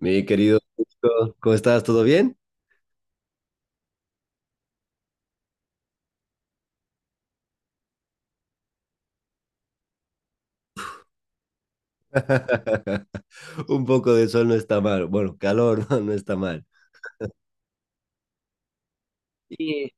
Mi querido, Nico, ¿cómo estás? ¿Todo bien? Un poco de sol no está mal. Bueno, calor no, no está mal. Sí.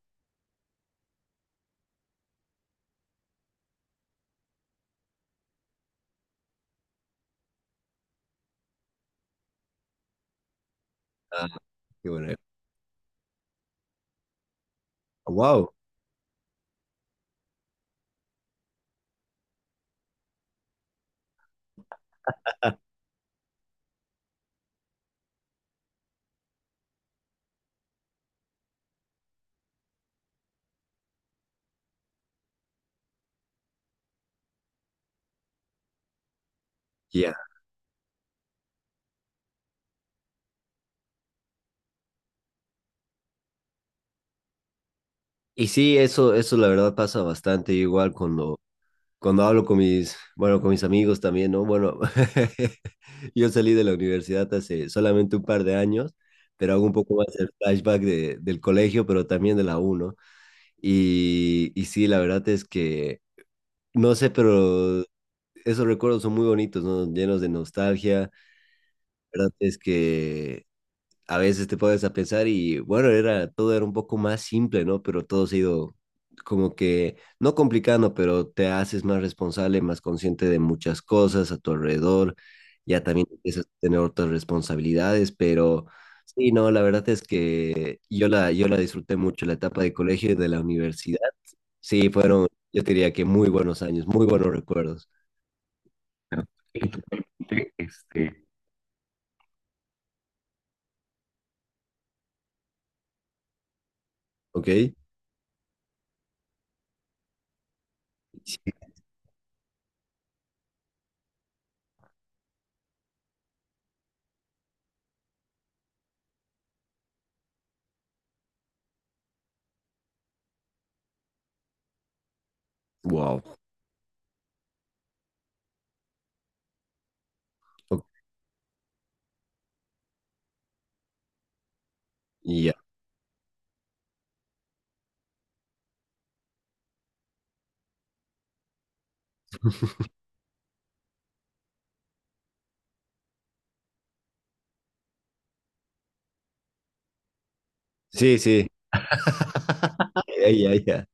Ah, qué bueno. Wow. Ya. Y sí, eso la verdad pasa bastante igual cuando, cuando hablo con bueno, con mis amigos también, ¿no? Bueno, yo salí de la universidad hace solamente un par de años, pero hago un poco más el flashback del colegio, pero también de la U, ¿no? Y sí, la verdad es que, no sé, pero esos recuerdos son muy bonitos, ¿no? Llenos de nostalgia. La verdad es que a veces te pones a pensar y bueno, todo era un poco más simple, ¿no? Pero todo se ha ido como que, no complicando, pero te haces más responsable, más consciente de muchas cosas a tu alrededor. Ya también empiezas a tener otras responsabilidades, pero sí, no, la verdad es que yo la disfruté mucho, la etapa de colegio y de la universidad. Sí, fueron, yo te diría que muy buenos años, muy buenos recuerdos. ¿Ok? Wow. Ok. Ya. Sí, sí. Ya, ya, ya.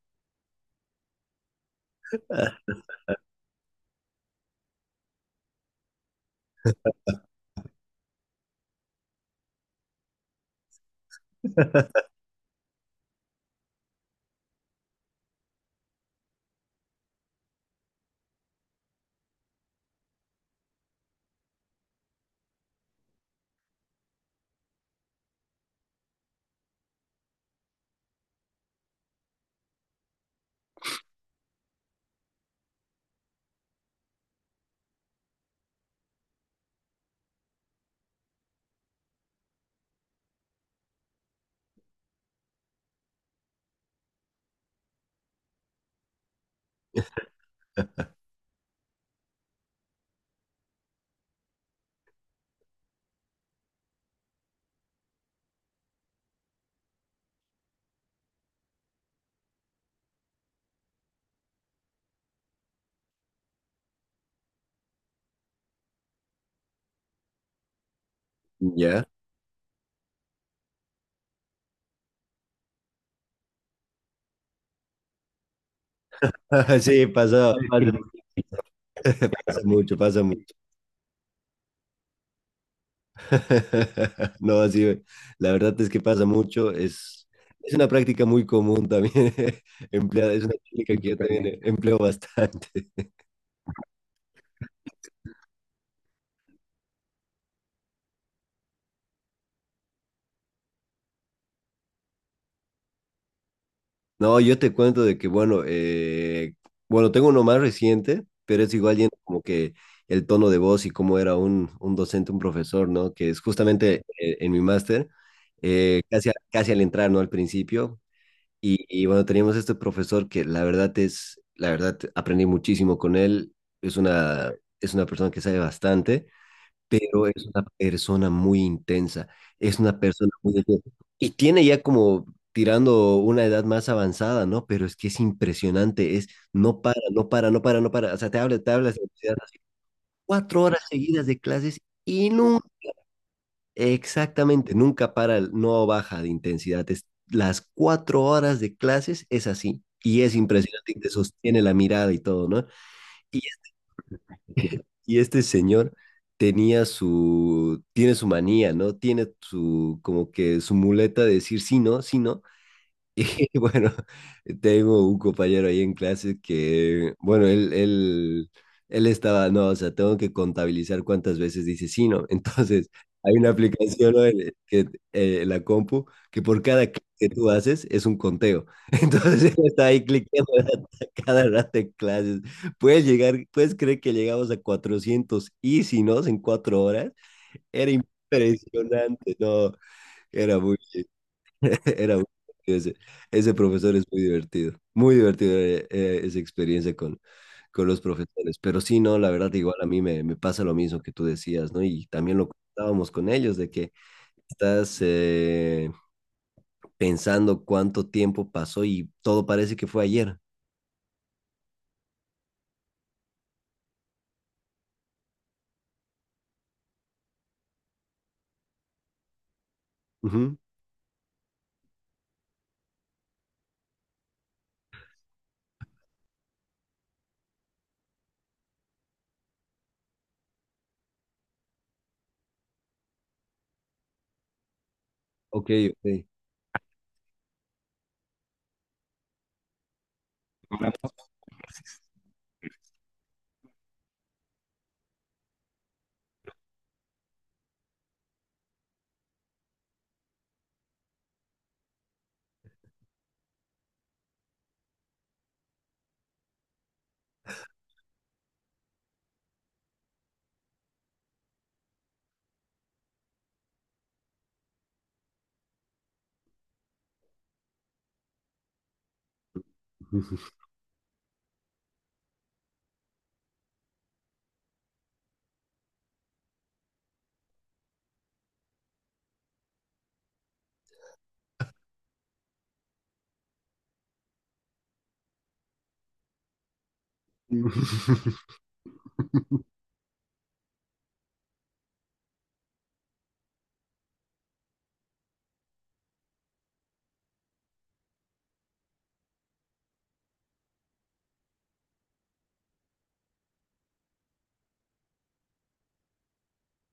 Ya. Sí, pasa, pasa, pasa mucho, pasa mucho. No, sí, la verdad es que pasa mucho. Es una práctica muy común también empleada. Es una técnica que yo también empleo bastante. No, yo te cuento de que, bueno, bueno, tengo uno más reciente, pero es igual yendo como que el tono de voz y cómo era un docente, un profesor, ¿no? Que es justamente en mi máster, casi al entrar, ¿no? Al principio. Y bueno, teníamos este profesor que la verdad, aprendí muchísimo con él. Es una, es una persona que sabe bastante, pero es una persona muy intensa, es una persona muy. Y tiene ya como tirando una edad más avanzada, ¿no? Pero es que es impresionante, es no para, no para, no para, no para. O sea, te hablas de universidad, así, 4 horas seguidas de clases y nunca, exactamente, nunca para, no baja de intensidad. Las 4 horas de clases es así. Y es impresionante y te sostiene la mirada y todo, ¿no? Y Y este señor tenía su, tiene su manía, ¿no? Tiene su, como que su muleta de decir sí, no, sí, no. Y bueno, tengo un compañero ahí en clase que, bueno, él estaba, no, o sea, tengo que contabilizar cuántas veces dice sí, no. Entonces, hay una aplicación, ¿no? La compu, que por cada clic que tú haces es un conteo. Entonces, él está ahí cliqueando a cada rato en clases. ¿Puedes creer que llegamos a 400 y si no, en 4 horas? Era impresionante, no, era muy. Era muy divertido ese profesor. Es muy divertido, muy divertido, esa experiencia con los profesores. Pero sí, no, la verdad, igual a mí me pasa lo mismo que tú decías, ¿no? Y también lo comentábamos con ellos, de que estás pensando cuánto tiempo pasó y todo parece que fue ayer. Ujú. Ok, ok.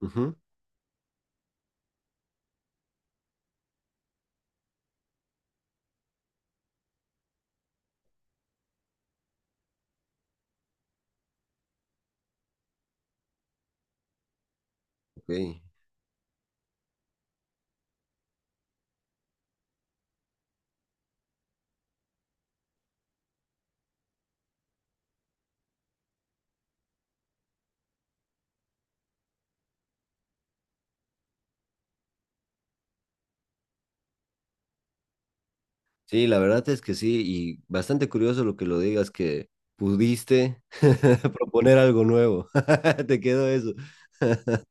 Ujú, ok. Sí, la verdad es que sí, y bastante curioso lo que lo digas, que pudiste proponer algo nuevo. Te quedó eso.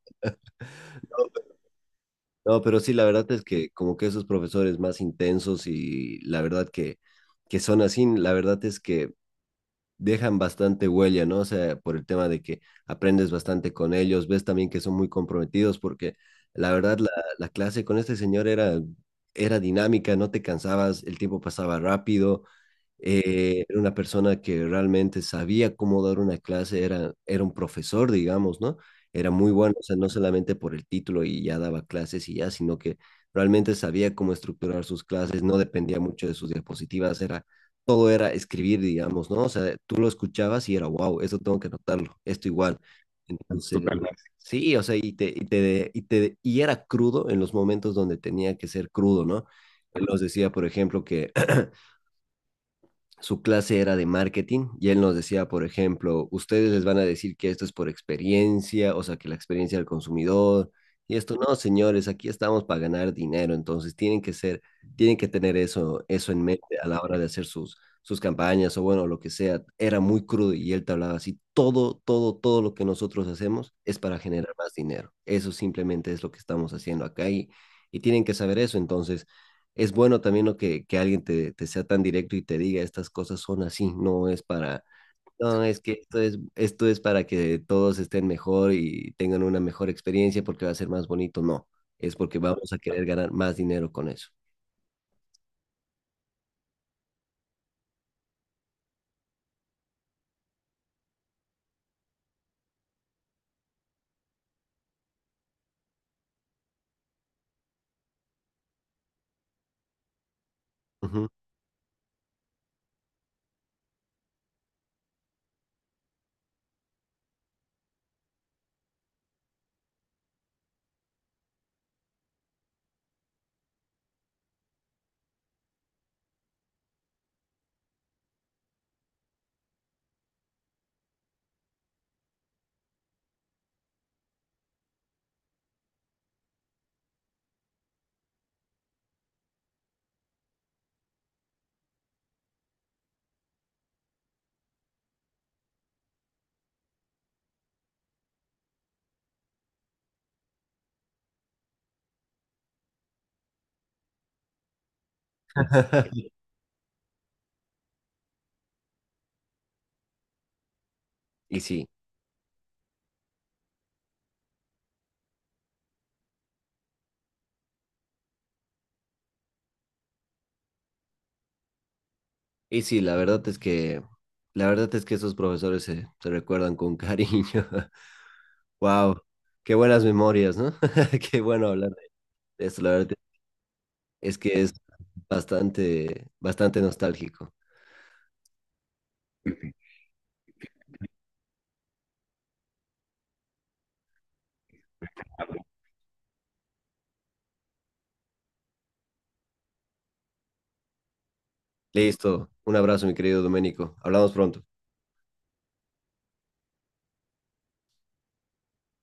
No, pero sí, la verdad es que como que esos profesores más intensos y la verdad que son así, la verdad es que dejan bastante huella, ¿no? O sea, por el tema de que aprendes bastante con ellos, ves también que son muy comprometidos porque la verdad la clase con este señor era, era dinámica, no te cansabas, el tiempo pasaba rápido. Era una persona que realmente sabía cómo dar una clase, era, era un profesor, digamos, ¿no? Era muy bueno, o sea, no solamente por el título y ya daba clases y ya, sino que realmente sabía cómo estructurar sus clases, no dependía mucho de sus diapositivas, todo era escribir, digamos, ¿no? O sea, tú lo escuchabas y era, wow, esto tengo que anotarlo, esto igual. Entonces, totalmente, sí, o sea, y era crudo en los momentos donde tenía que ser crudo, ¿no? Él nos decía, por ejemplo, que su clase era de marketing y él nos decía, por ejemplo, ustedes les van a decir que esto es por experiencia, o sea, que la experiencia del consumidor y esto. No, señores, aquí estamos para ganar dinero, entonces tienen que tener eso, eso en mente a la hora de hacer sus, sus campañas o bueno, lo que sea. Era muy crudo y él te hablaba así, todo, todo, todo lo que nosotros hacemos es para generar más dinero. Eso simplemente es lo que estamos haciendo acá. Y tienen que saber eso, entonces es bueno también, ¿no?, que alguien te, te sea tan directo y te diga estas cosas son así. No es para, no, es que esto es para que todos estén mejor y tengan una mejor experiencia porque va a ser más bonito, no, es porque vamos a querer ganar más dinero con eso. Ujú. Y sí, y sí, la verdad es que, la verdad es que esos profesores se recuerdan con cariño. Wow, qué buenas memorias, ¿no? Qué bueno hablar de esto, la verdad es que es bastante, bastante nostálgico. Listo. Un abrazo, mi querido Doménico. Hablamos pronto.